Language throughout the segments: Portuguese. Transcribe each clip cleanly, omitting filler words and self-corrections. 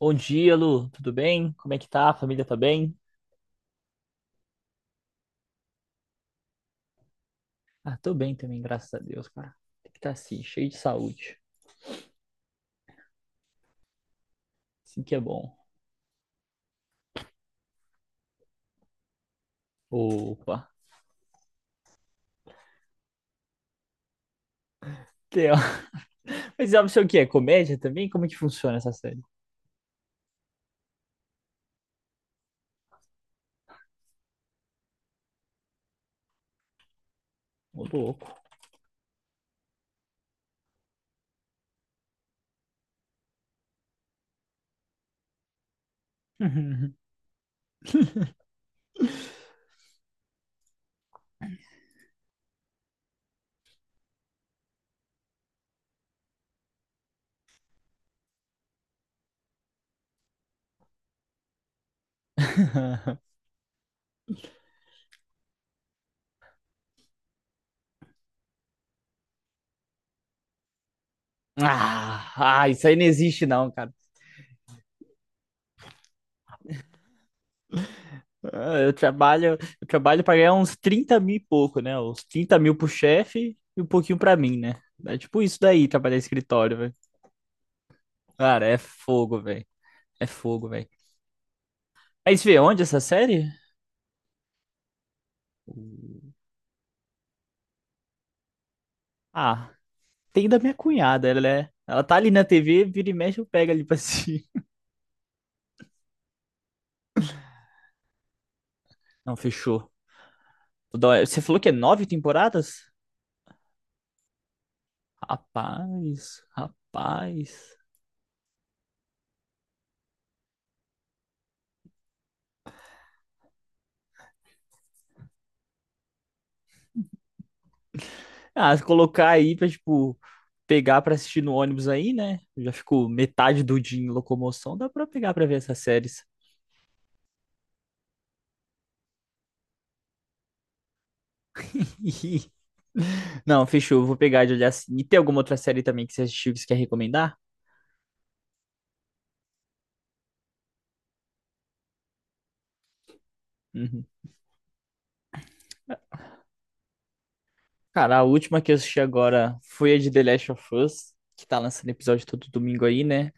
Bom dia, Lu. Tudo bem? Como é que tá? A família tá bem? Ah, tô bem também, graças a Deus, cara. Tem que estar assim, cheio de saúde. Assim que é bom. Opa. Tem, ó. Mas sabe o que é? Comédia também? Como é que funciona essa série? Ô, louco. Ah, isso aí não existe não, cara. Ah, eu trabalho pra ganhar uns 30 mil e pouco, né? Uns 30 mil pro chefe e um pouquinho pra mim, né? É tipo isso daí, trabalhar em escritório, velho. Cara, é fogo, velho. É fogo, velho. Mas vê, onde essa série? Ah, tem da minha cunhada, ela é. Ela tá ali na TV, vira e mexe, eu pego ali pra assistir. Não, fechou. Toda hora- Você falou que é nove temporadas? Rapaz, rapaz. Ah, se colocar aí pra, tipo, pegar pra assistir no ônibus aí, né? Eu Já ficou metade do dia em locomoção, dá pra pegar pra ver essas séries. Não, fechou, eu vou pegar de olhar assim. E tem alguma outra série também que você assistiu que você quer recomendar? Uhum. Cara, a última que eu assisti agora foi a de The Last of Us, que tá lançando episódio todo domingo aí, né?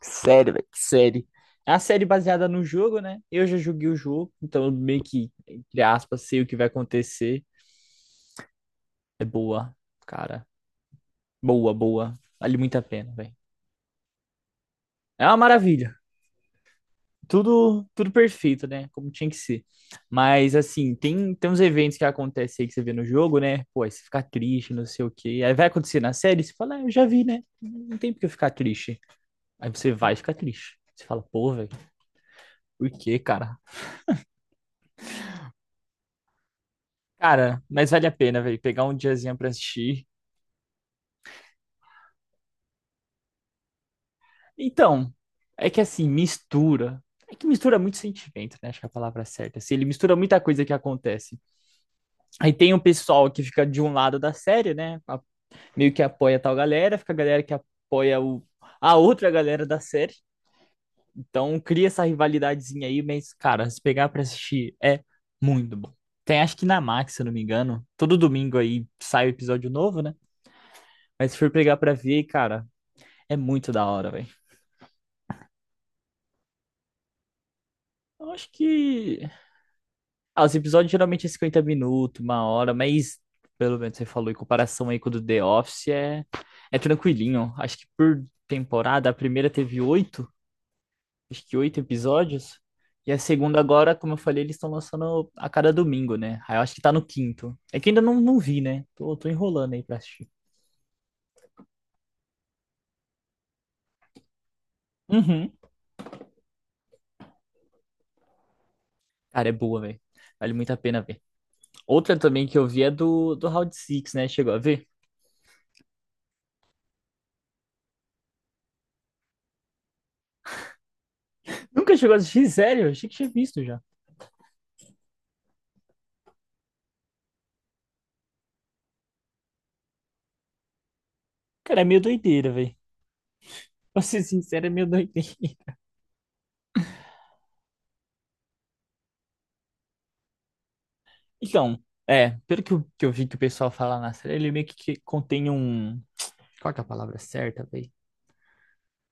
Que série, velho, que série. É uma série baseada no jogo, né? Eu já joguei o jogo, então eu meio que, entre aspas, sei o que vai acontecer. É boa, cara. Boa, boa. Vale muito a pena, velho. É uma maravilha. Tudo, tudo perfeito, né? Como tinha que ser. Mas, assim, tem uns eventos que acontecem aí que você vê no jogo, né? Pô, aí você fica triste, não sei o quê. Aí vai acontecer na série, você fala, ah, eu já vi, né? Não tem por que eu ficar triste. Aí você vai ficar triste. Você fala, pô, velho, por quê, cara? Cara, mas vale a pena, velho, pegar um diazinho pra assistir. Então, é que assim, mistura. É que mistura muito sentimento, né? Acho que é a palavra certa. Assim, ele mistura muita coisa que acontece. Aí tem o pessoal que fica de um lado da série, né? A- Meio que apoia tal galera, fica a galera que apoia o... a outra galera da série. Então cria essa rivalidadezinha aí, mas, cara, se pegar pra assistir é muito bom. Tem, acho que na Max, se eu não me engano. Todo domingo aí sai o episódio novo, né? Mas se for pegar pra ver, cara. É muito da hora, velho. Eu acho que. Ah, os episódios geralmente é 50 minutos, uma hora, mas pelo menos você falou, em comparação aí com o do The Office, é tranquilinho. Acho que por temporada, a primeira teve oito, acho que oito episódios. E a segunda agora, como eu falei, eles estão lançando a cada domingo, né? Aí eu acho que tá no quinto. É que ainda não vi, né? Tô enrolando aí pra assistir. Uhum. Cara, é boa, velho. Vale muito a pena ver. Outra também que eu vi é do Round Six, né? Chegou a ver? Nunca chegou a assistir, sério? Achei que tinha visto já. Cara, é meio doideira, velho. Pra ser sincero, é meio doideira. Então, é, pelo que eu, vi que o pessoal fala na série, ele meio que contém um. Qual que é a palavra certa, velho?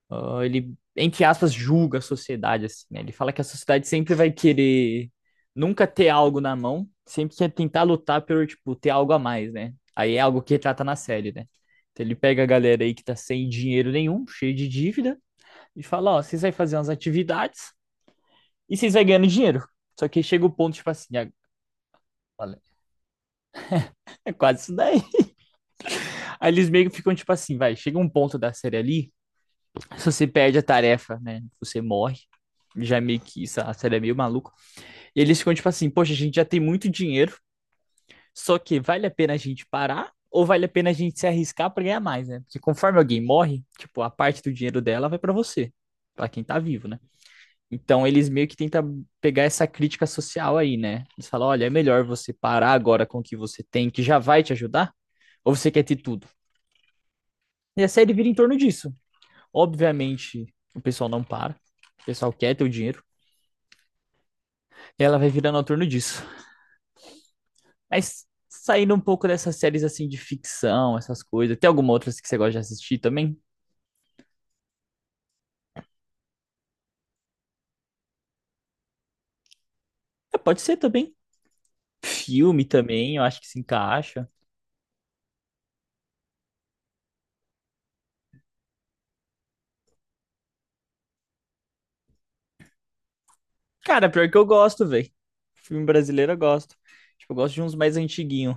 Ah, ele, entre aspas, julga a sociedade, assim, né? Ele fala que a sociedade sempre vai querer nunca ter algo na mão, sempre quer tentar lutar pelo, tipo, ter algo a mais, né? Aí é algo que retrata na série, né? Então ele pega a galera aí que tá sem dinheiro nenhum, cheio de dívida, e fala, ó, vocês vão fazer umas atividades e vocês vão ganhando dinheiro. Só que chega o ponto, tipo assim, olha, é quase isso daí. Aí eles meio que ficam tipo assim, vai, chega um ponto da série ali, se você perde a tarefa, né, você morre. Já é meio que isso, a série é meio maluca. E eles ficam tipo assim, poxa, a gente já tem muito dinheiro, só que vale a pena a gente parar ou vale a pena a gente se arriscar pra ganhar mais, né? Porque conforme alguém morre, tipo, a parte do dinheiro dela vai pra você, pra quem tá vivo, né? Então eles meio que tentam pegar essa crítica social aí, né? Eles falam, olha, é melhor você parar agora com o que você tem, que já vai te ajudar, ou você quer ter tudo? E a série vira em torno disso. Obviamente, o pessoal não para. O pessoal quer ter o dinheiro. E ela vai virando em torno disso. Mas saindo um pouco dessas séries assim de ficção, essas coisas. Tem alguma outra que você gosta de assistir também? É, pode ser também. Filme também, eu acho que se encaixa. Cara, pior que eu gosto, velho. Filme brasileiro eu gosto. Tipo, eu gosto de uns mais antiguinhos.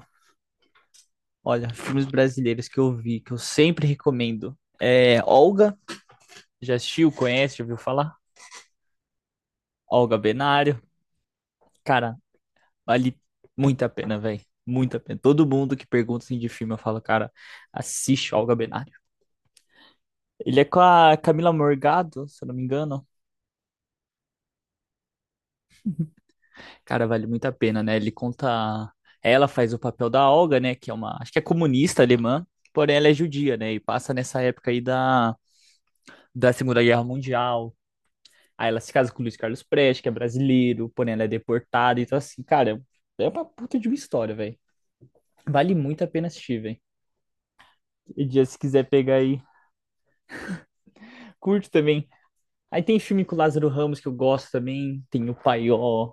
Olha, filmes brasileiros que eu vi, que eu sempre recomendo. É Olga, já assistiu, conhece, já ouviu falar? Olga Benário. Cara, vale muito a pena, velho. Muito a pena. Todo mundo que pergunta assim, de filme, eu falo, cara, assiste o Olga Benário. Ele é com a Camila Morgado, se eu não me engano. Cara, vale muito a pena, né? Ele conta. Ela faz o papel da Olga, né? Que é uma. Acho que é comunista alemã, porém ela é judia, né? E passa nessa época aí da Segunda Guerra Mundial. Aí ela se casa com o Luiz Carlos Prestes, que é brasileiro, porém ela é deportada. Então, assim, cara, é uma puta de uma história, velho. Vale muito a pena assistir, velho. E dia, se quiser pegar aí, curte também. Aí tem filme com o Lázaro Ramos que eu gosto também. Tem o Paió.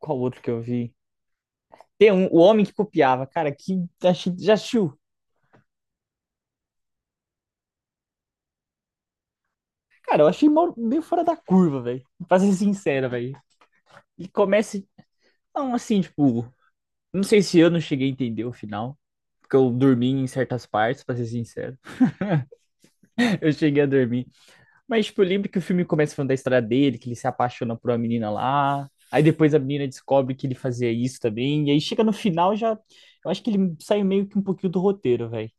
Qual outro que eu vi? Tem um, O Homem que Copiava. Cara, que achei- já assistiu? Cara, eu achei mó- meio fora da curva, velho. Pra ser sincero, velho. E começa. Não, assim, tipo. Não sei se eu não cheguei a entender o final. Porque eu dormi em certas partes, pra ser sincero. Eu cheguei a dormir. Mas, tipo, eu lembro que o filme começa falando da história dele, que ele se apaixona por uma menina lá. Aí depois a menina descobre que ele fazia isso também. E aí chega no final, já. Eu acho que ele sai meio que um pouquinho do roteiro, velho.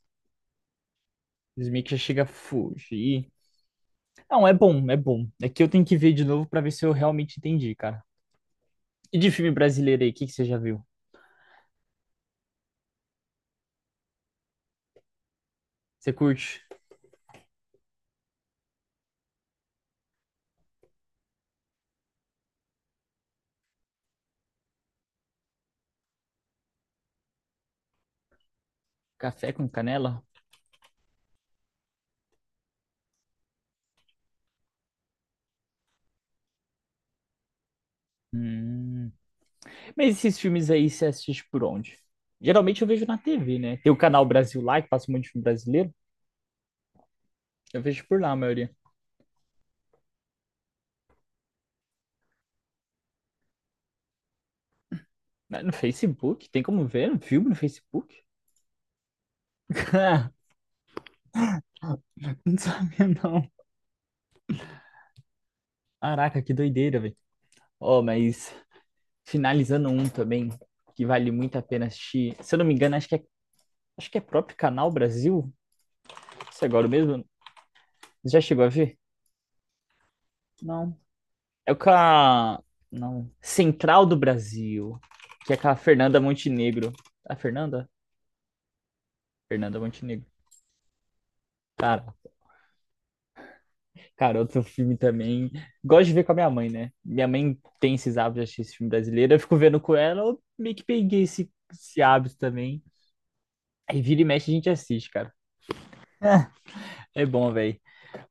Eles meio que já chega a fugir. Não, é bom, é bom. É que eu tenho que ver de novo pra ver se eu realmente entendi, cara. E de filme brasileiro aí, o que que você já viu? Você curte? Café com canela? Hum. Mas esses filmes aí você assiste por onde? Geralmente eu vejo na TV, né? Tem o canal Brasil lá, que passa um monte de filme brasileiro. Eu vejo por lá a maioria. Mas no Facebook? Tem como ver um filme no Facebook? Não sabia, não. Caraca, que doideira, velho. Ó, mas finalizando um também, que vale muito a pena assistir. Se eu não me engano, acho que é próprio Canal Brasil. Isso é agora mesmo. Você já chegou a ver? Não. É o com a... Não. Central do Brasil. Que é com a Fernanda Montenegro. É a Fernanda? Fernanda Montenegro. Cara, cara, outro filme também. Gosto de ver com a minha mãe, né? Minha mãe tem esses hábitos de assistir esse filme brasileiro. Eu fico vendo com ela, eu meio que peguei esse hábito também. Aí vira e mexe a gente assiste, cara. É bom, velho.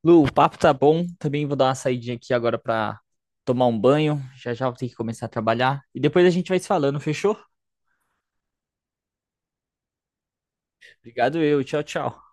Lu, o papo tá bom. Também vou dar uma saidinha aqui agora pra tomar um banho. Já já vou ter que começar a trabalhar. E depois a gente vai se falando, fechou? Obrigado eu. Tchau, tchau.